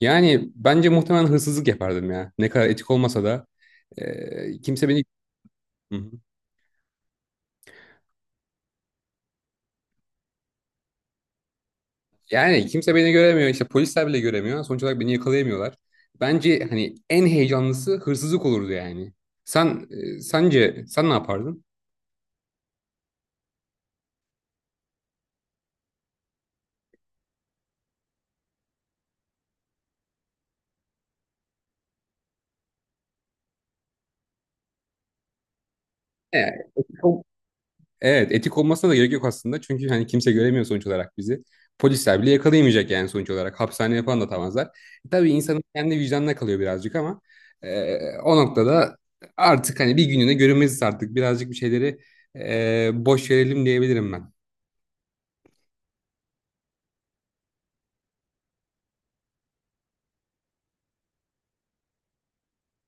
Yani bence muhtemelen hırsızlık yapardım ya. Ne kadar etik olmasa da kimse beni. Hı hı. Yani kimse beni göremiyor. İşte polisler bile göremiyor. Sonuç olarak beni yakalayamıyorlar. Bence hani en heyecanlısı hırsızlık olurdu yani. Sen Sence sen ne yapardın? E, Evet, etik olmasına da gerek yok aslında. Çünkü hani kimse göremiyor sonuç olarak bizi. Polisler bile yakalayamayacak yani sonuç olarak. Hapishaneye falan da atamazlar. Tabii insanın kendi vicdanına kalıyor birazcık ama o noktada artık hani bir gününe görünmeziz artık. Birazcık bir şeyleri boş verelim diyebilirim ben.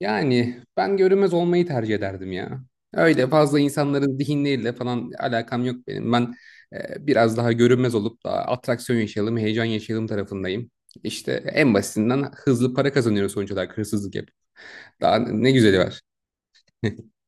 Yani ben görünmez olmayı tercih ederdim ya. Öyle fazla insanların zihinleriyle falan alakam yok benim. Ben biraz daha görünmez olup da atraksiyon yaşayalım, heyecan yaşayalım tarafındayım. İşte en basitinden hızlı para kazanıyoruz sonuç olarak hırsızlık yap. Daha ne güzeli var.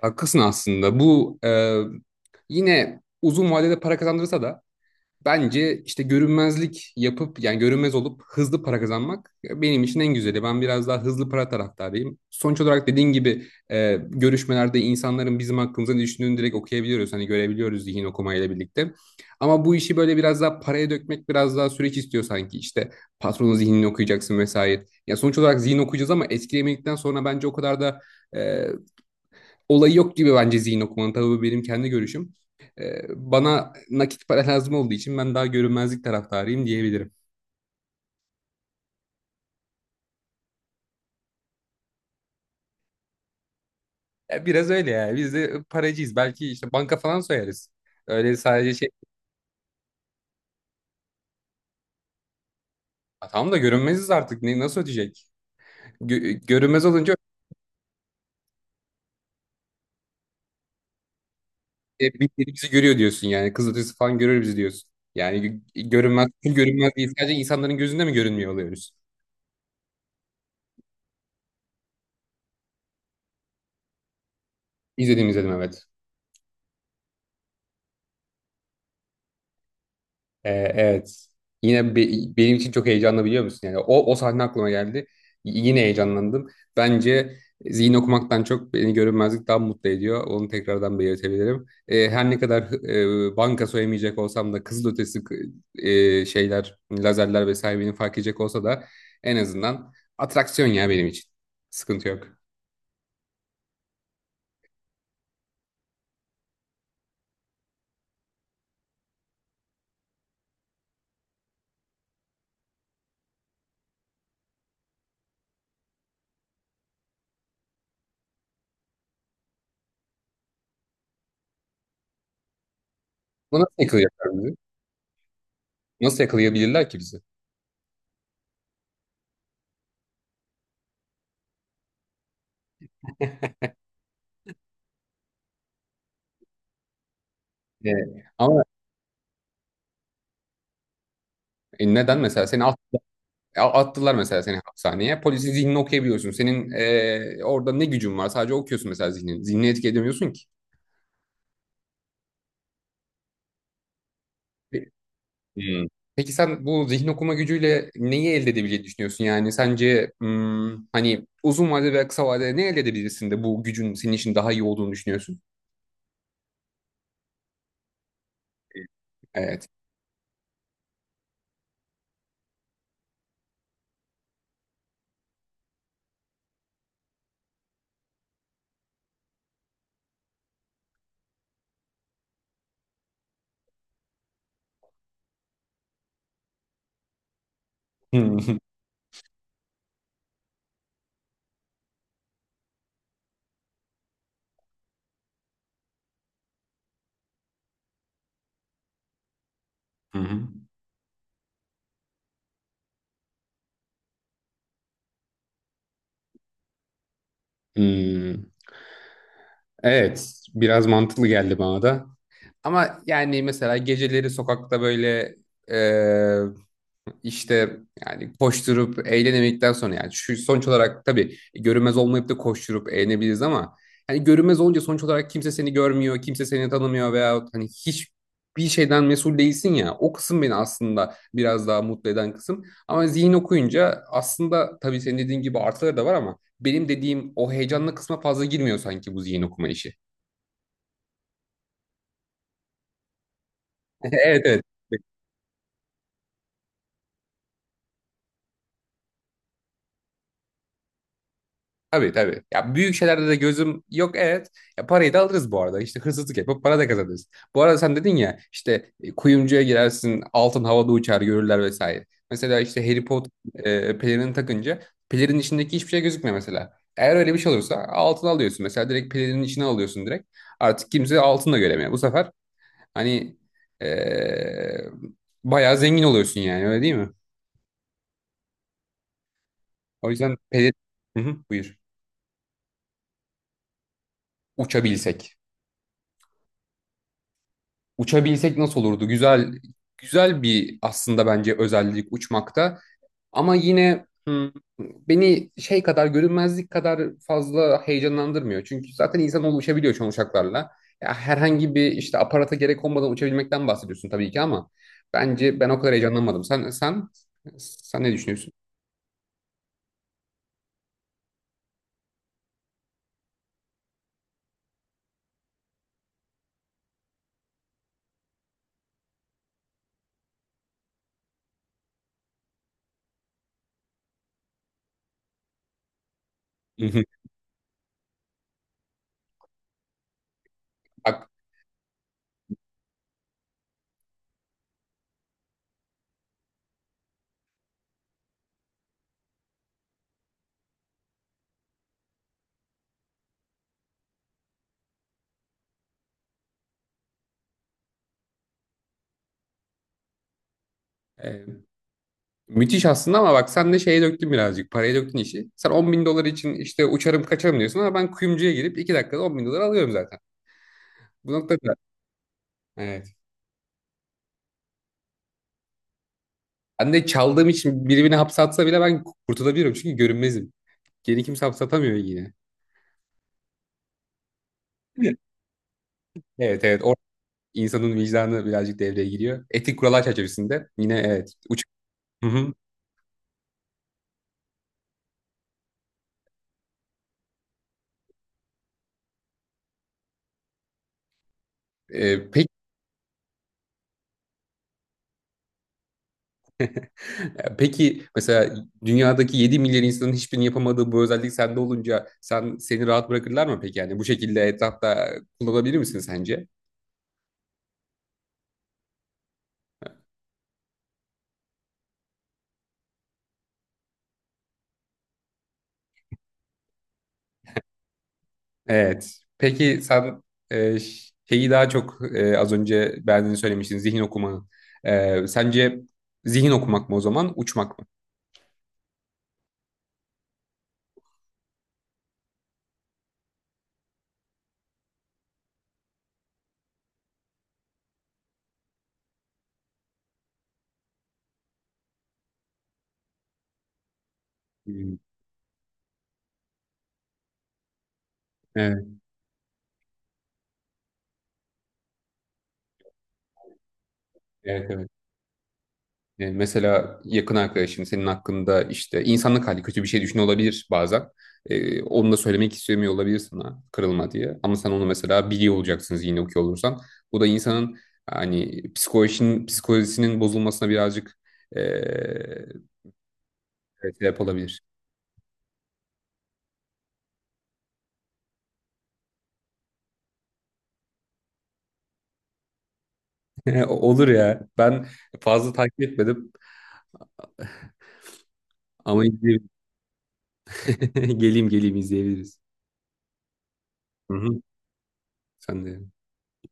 Haklısın aslında. Bu yine uzun vadede para kazandırsa da bence işte görünmezlik yapıp yani görünmez olup hızlı para kazanmak benim için en güzeli. Ben biraz daha hızlı para taraftarıyım. Sonuç olarak dediğin gibi görüşmelerde insanların bizim hakkımızda ne düşündüğünü direkt okuyabiliyoruz. Hani görebiliyoruz zihin okumayla birlikte. Ama bu işi böyle biraz daha paraya dökmek biraz daha süreç istiyor sanki. İşte patronun zihnini okuyacaksın vesaire. Ya sonuç olarak zihin okuyacağız ama etkilemedikten sonra bence o kadar da e, olayı yok gibi, bence zihin okumanın. Tabii bu benim kendi görüşüm. Ee, Bana nakit para lazım olduğu için ben daha görünmezlik taraftarıyım diyebilirim. Ya biraz öyle ya. Biz de paracıyız. Belki işte banka falan soyarız. Öyle sadece şey. Ha, tamam da görünmeziz artık. Ne, nasıl ödeyecek? Görünmez olunca birileri bizi görüyor diyorsun yani. Kız ötesi falan görür bizi diyorsun. Yani görünmez, full görünmez değil. Sadece insanların gözünde mi görünmüyor oluyoruz? İzlediğim izledim, evet. Ee, evet. Yine benim için çok heyecanlı, biliyor musun? Yani o o sahne aklıma geldi. Yine heyecanlandım. Bence zihin okumaktan çok beni görünmezlik daha mutlu ediyor. Onu tekrardan belirtebilirim. Her ne kadar banka soyamayacak olsam da, kızılötesi şeyler, lazerler vesaire beni fark edecek olsa da en azından atraksiyon ya benim için. Sıkıntı yok. Bu nasıl yakalayacaklar bizi? Nasıl yakalayabilirler ki bizi? Ee, Ama neden mesela seni. Ya, attılar mesela seni hapishaneye. Polisi zihnini okuyabiliyorsun. Senin orada ne gücün var? Sadece okuyorsun mesela zihnini. Zihnini etki edemiyorsun ki. Pe- Hmm. Peki sen bu zihin okuma gücüyle neyi elde edebileceğini düşünüyorsun? Yani sence hani uzun vadede veya kısa vadede ne elde edebilirsin de bu gücün senin için daha iyi olduğunu düşünüyorsun? Evet. Hmm. Hı hı. Hmm. Evet, biraz mantıklı geldi bana da. Ama yani mesela geceleri sokakta böyle İşte yani koşturup eğlenemedikten sonra, yani şu sonuç olarak tabii görünmez olmayıp da koşturup eğlenebiliriz ama hani görünmez olunca sonuç olarak kimse seni görmüyor, kimse seni tanımıyor veya hani hiçbir şeyden mesul değilsin ya. O kısım beni aslında biraz daha mutlu eden kısım. Ama zihin okuyunca aslında tabii senin dediğin gibi artıları da var ama benim dediğim o heyecanlı kısma fazla girmiyor sanki bu zihin okuma işi. Evet, evet. Tabii tabii. Ya büyük şeylerde de gözüm yok, evet. Ya parayı da alırız bu arada. İşte hırsızlık yapıp para da kazanırız. Bu arada sen dedin ya işte kuyumcuya girersin, altın havada uçar, görürler vesaire. Mesela işte Harry Potter pelerini takınca pelerinin içindeki hiçbir şey gözükmüyor mesela. Eğer öyle bir şey olursa altın alıyorsun. Mesela direkt pelerinin içine alıyorsun direkt. Artık kimse altın da göremiyor. Bu sefer hani e, bayağı zengin oluyorsun yani, öyle değil mi? O yüzden pelerin... Hı hı, buyur. Uçabilsek. Uçabilsek nasıl olurdu? Güzel güzel bir aslında bence özellik uçmakta. Ama yine beni şey kadar görünmezlik kadar fazla heyecanlandırmıyor. Çünkü zaten insanoğlu uçabiliyor şu an uçaklarla. Ya herhangi bir işte aparata gerek olmadan uçabilmekten bahsediyorsun tabii ki ama bence ben o kadar heyecanlanmadım. Sen ne düşünüyorsun? Hı hı. Bak, e, müthiş aslında ama bak sen de şeye döktün birazcık, paraya döktün işi. Sen 10.000 dolar için işte uçarım kaçarım diyorsun ama ben kuyumcuya girip 2 dakikada 10.000 dolar alıyorum. Bu noktada evet. Anne çaldığım için biri beni hapse atsa bile ben kurtulabilirim çünkü görünmezim. Geri kimse hapse atamıyor yine. Evet, evet. Evet. Orada insanın vicdanı birazcık devreye giriyor. Etik kurallar çerçevesinde yine, evet. Uç... Hı hı. Ee, peki, peki mesela dünyadaki 7 milyar insanın hiçbirinin yapamadığı bu özellik sende olunca sen, seni rahat bırakırlar mı peki? Yani bu şekilde etrafta kullanabilir misin sence? Evet. Peki sen şeyi daha çok, az önce beğendiğini söylemiştin zihin okumanın. Sence zihin okumak mı o zaman, uçmak mı? Hmm. Evet, evet, evet. Mesela yakın arkadaşın senin hakkında işte insanlık hali kötü bir şey düşünüyor olabilir bazen. Onu da söylemek istemiyor olabilir sana kırılma diye. Ama sen onu mesela biliyor olacaksınız yine, okuyor olursan. Bu da insanın hani psikolojisinin bozulmasına birazcık e, evet, sebep olabilir. Olur ya. Ben fazla takip etmedim ama izleyebilirim. Geleyim geleyim izleyebiliriz. Hı hı. Sen de.